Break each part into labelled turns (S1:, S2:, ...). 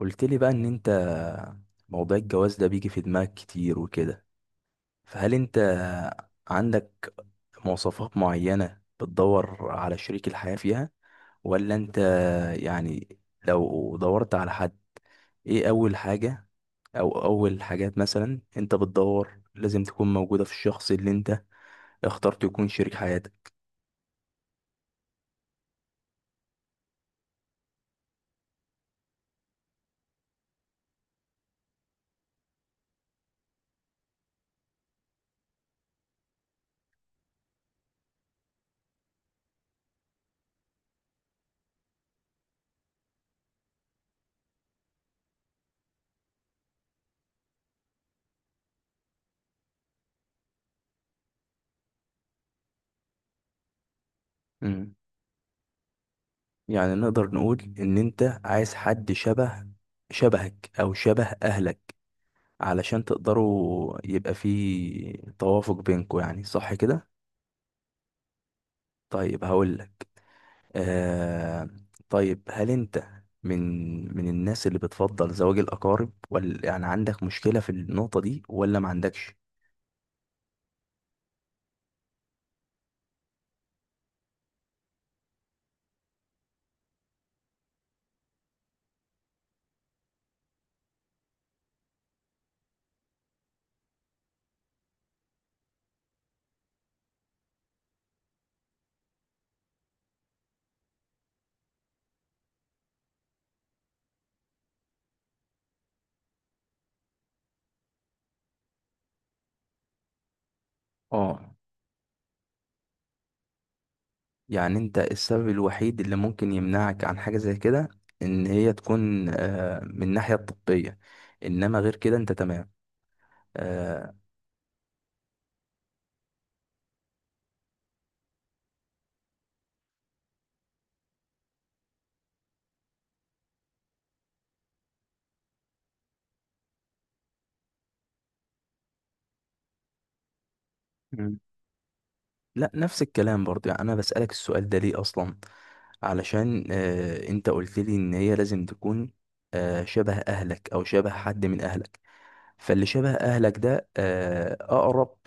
S1: قلت لي بقى ان انت موضوع الجواز ده بيجي في دماغك كتير وكده. فهل انت عندك مواصفات معينة بتدور على شريك الحياة فيها، ولا انت يعني لو دورت على حد، ايه اول حاجة او اول حاجات مثلا انت بتدور لازم تكون موجودة في الشخص اللي انت اخترت يكون شريك حياتك؟ مم. يعني نقدر نقول ان انت عايز حد شبه، شبهك او شبه اهلك، علشان تقدروا يبقى في توافق بينكم، يعني صح كده؟ طيب هقول لك آه طيب، هل انت من الناس اللي بتفضل زواج الأقارب، ولا يعني عندك مشكلة في النقطة دي ولا ما عندكش؟ اه، يعني انت السبب الوحيد اللي ممكن يمنعك عن حاجة زي كده ان هي تكون من الناحية الطبية، انما غير كده انت تمام؟ آه لا، نفس الكلام برضه. يعني انا بسألك السؤال ده ليه اصلا؟ علشان انت قلت لي ان هي لازم تكون شبه اهلك او شبه حد من اهلك، فاللي شبه اهلك ده اقرب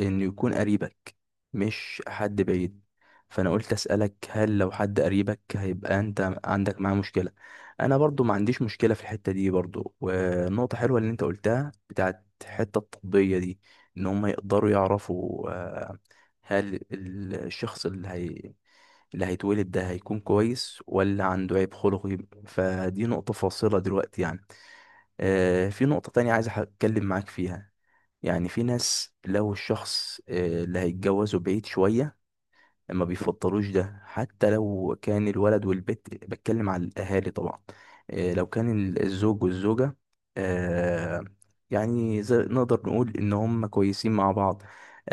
S1: انه يكون قريبك، مش حد بعيد، فانا قلت اسالك هل لو حد قريبك هيبقى انت عندك معاه مشكله. انا برضو ما عنديش مشكله في الحته دي برضو، والنقطه حلوه اللي انت قلتها بتاعت الحته الطبيه دي، ان هم يقدروا يعرفوا هل الشخص اللي هي اللي هيتولد ده هيكون كويس ولا عنده عيب خلقي. فدي نقطه فاصله دلوقتي يعني. في نقطة تانية عايز أتكلم معاك فيها. يعني في ناس لو الشخص اللي هيتجوزه بعيد شوية ما بيفضلوش ده، حتى لو كان الولد والبت، بتكلم على الأهالي طبعا. لو كان الزوج والزوجة، آه، يعني زي نقدر نقول إن هم كويسين مع بعض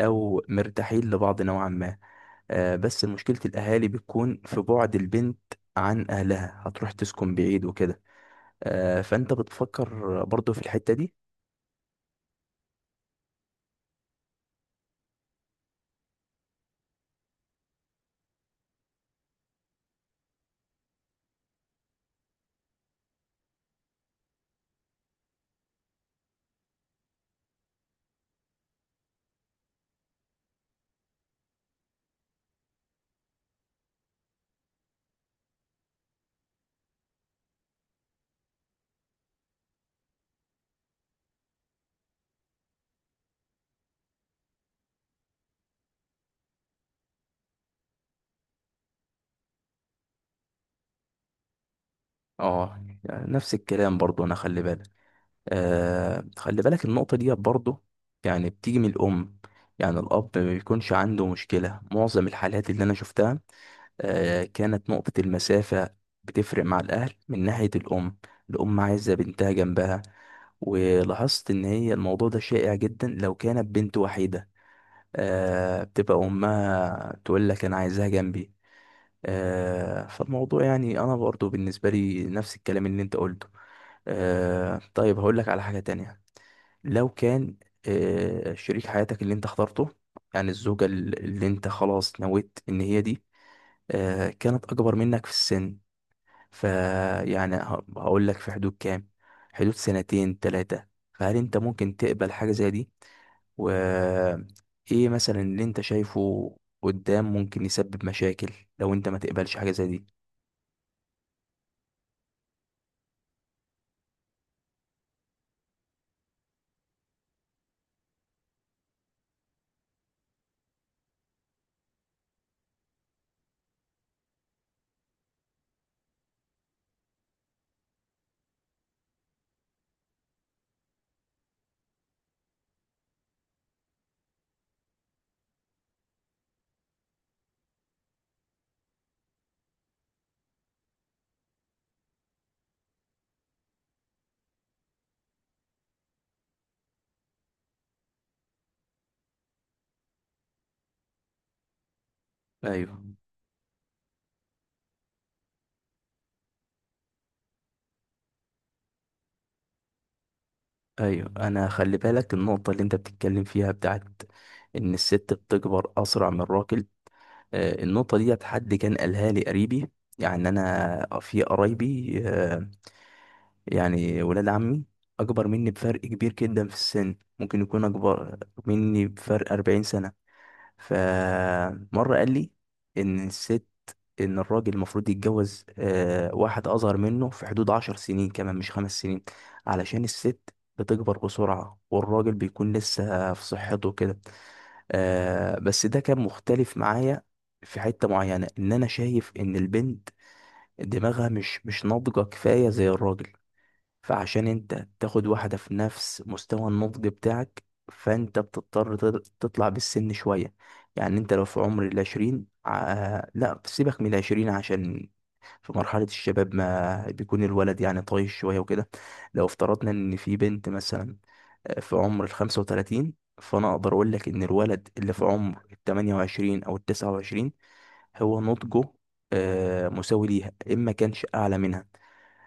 S1: أو مرتاحين لبعض نوعا ما، بس مشكلة الأهالي بتكون في بعد البنت عن أهلها، هتروح تسكن بعيد وكده. فأنت بتفكر برضو في الحتة دي؟ اه، يعني نفس الكلام برضو. انا خلي بالك، خلي بالك النقطة دي برضو، يعني بتيجي من الأم. يعني الأب ما بيكونش عنده مشكلة. معظم الحالات اللي أنا شفتها كانت نقطة المسافة بتفرق مع الأهل من ناحية الأم. الأم عايزة بنتها جنبها. ولاحظت إن هي الموضوع ده شائع جدا لو كانت بنت وحيدة، بتبقى أمها تقول لك أنا عايزها جنبي. فالموضوع يعني انا برضو بالنسبه لي نفس الكلام اللي انت قلته. طيب هقول لك على حاجه تانية. لو كان شريك حياتك اللي انت اخترته، يعني الزوجه اللي انت خلاص نويت ان هي دي، كانت اكبر منك في السن، فيعني هقول لك في حدود كام، حدود سنتين ثلاثه، فهل انت ممكن تقبل حاجه زي دي؟ وايه مثلا اللي انت شايفه قدام ممكن يسبب مشاكل لو انت ما تقبلش حاجه زي دي؟ ايوه. ايوه، انا خلي بالك النقطه اللي انت بتتكلم فيها بتاعت ان الست بتكبر اسرع من الراجل. النقطه دي حد كان قالها لي قريبي. يعني انا في قرايبي يعني ولاد عمي اكبر مني بفرق كبير جدا في السن، ممكن يكون اكبر مني بفرق 40 سنه. فمرة قال لي إن الست، إن الراجل المفروض يتجوز واحد أصغر منه في حدود عشر سنين كمان، مش خمس سنين، علشان الست بتكبر بسرعة والراجل بيكون لسه في صحته كده. بس ده كان مختلف معايا في حتة معينة، إن أنا شايف إن البنت دماغها مش ناضجة كفاية زي الراجل، فعشان انت تاخد واحدة في نفس مستوى النضج بتاعك فانت بتضطر تطلع بالسن شوية. يعني انت لو في عمر العشرين لا سيبك من العشرين عشان في مرحلة الشباب ما بيكون الولد يعني طايش شوية وكده. لو افترضنا ان في بنت مثلا في عمر الخمسة وتلاتين، فانا اقدر اقول لك ان الولد اللي في عمر التمانية وعشرين او التسعة وعشرين هو نضجه مساوي ليها اما كانش اعلى منها.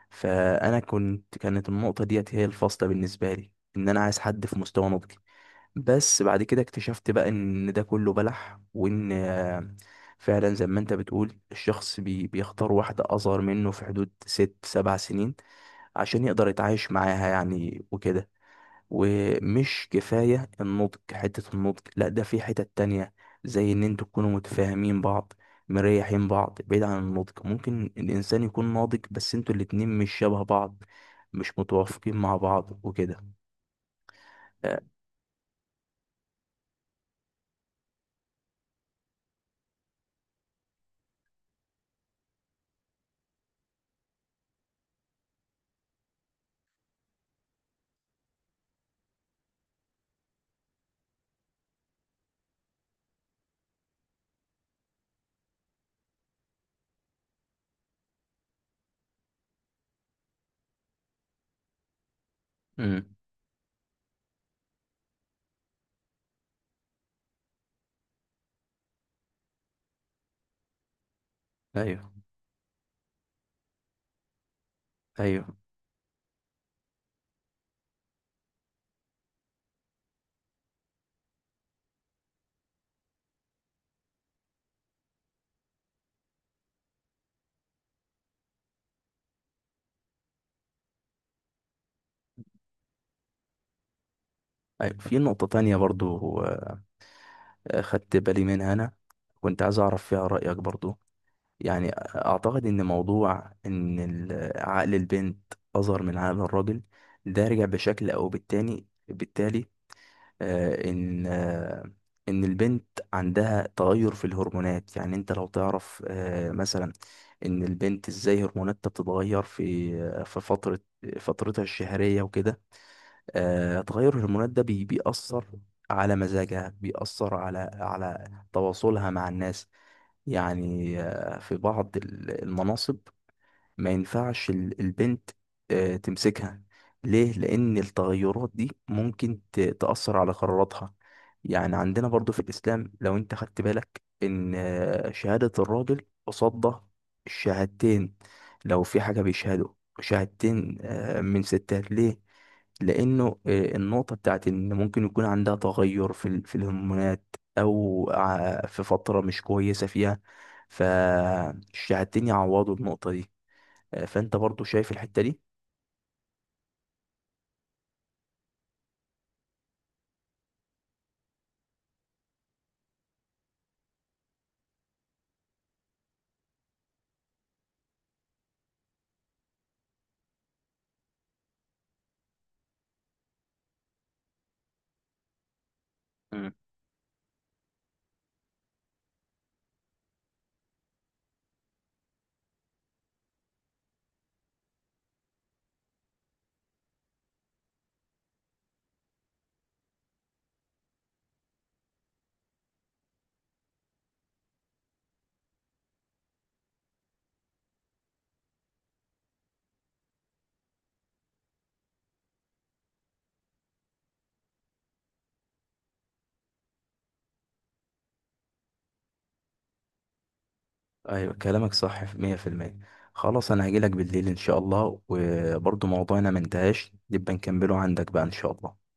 S1: فانا كنت، كانت النقطه ديت هي الفاصله بالنسبه لي، ان انا عايز حد في مستوى نضجي. بس بعد كده اكتشفت بقى ان ده كله بلح، وان فعلا زي ما انت بتقول الشخص بيختار واحده اصغر منه في حدود ست سبع سنين عشان يقدر يتعايش معاها يعني وكده. ومش كفاية النضج، حتة النضج لا، ده في حتة تانية، زي ان انتوا تكونوا متفاهمين بعض، مريحين بعض، بعيد عن النضج. ممكن الانسان يكون ناضج بس انتوا الاتنين مش شبه بعض، مش متوافقين مع بعض وكده. آه، امم ايوه. ايوه. ايوه، في نقطة تانية برضو خدت بالي منها انا، كنت عايز اعرف فيها رأيك برضو. يعني اعتقد ان موضوع ان عقل البنت اصغر من عقل الراجل، ده رجع بشكل او بالتالي ان ان البنت عندها تغير في الهرمونات. يعني انت لو تعرف مثلا ان البنت ازاي هرموناتها بتتغير في في فترة فترتها الشهرية وكده. تغير الهرمونات ده بيأثر على مزاجها، بيأثر على تواصلها مع الناس. يعني في بعض المناصب ما ينفعش البنت تمسكها. ليه؟ لان التغيرات دي ممكن تأثر على قراراتها. يعني عندنا برضو في الاسلام، لو انت خدت بالك، ان شهادة الراجل قصاد الشهادتين، لو في حاجة بيشهدوا شهادتين من ستات ليه، لانه النقطه بتاعت ان ممكن يكون عندها تغير في في الهرمونات او في فتره مش كويسه فيها، فالشهادتين يعوضوا النقطه دي. فانت برضو شايف الحتة دي؟ مم. ايوه، كلامك صح في 100%. خلاص انا هجيلك بالليل ان شاء الله، وبرضو موضوعنا ما انتهاش، نبقى نكمله عندك بقى ان شاء الله.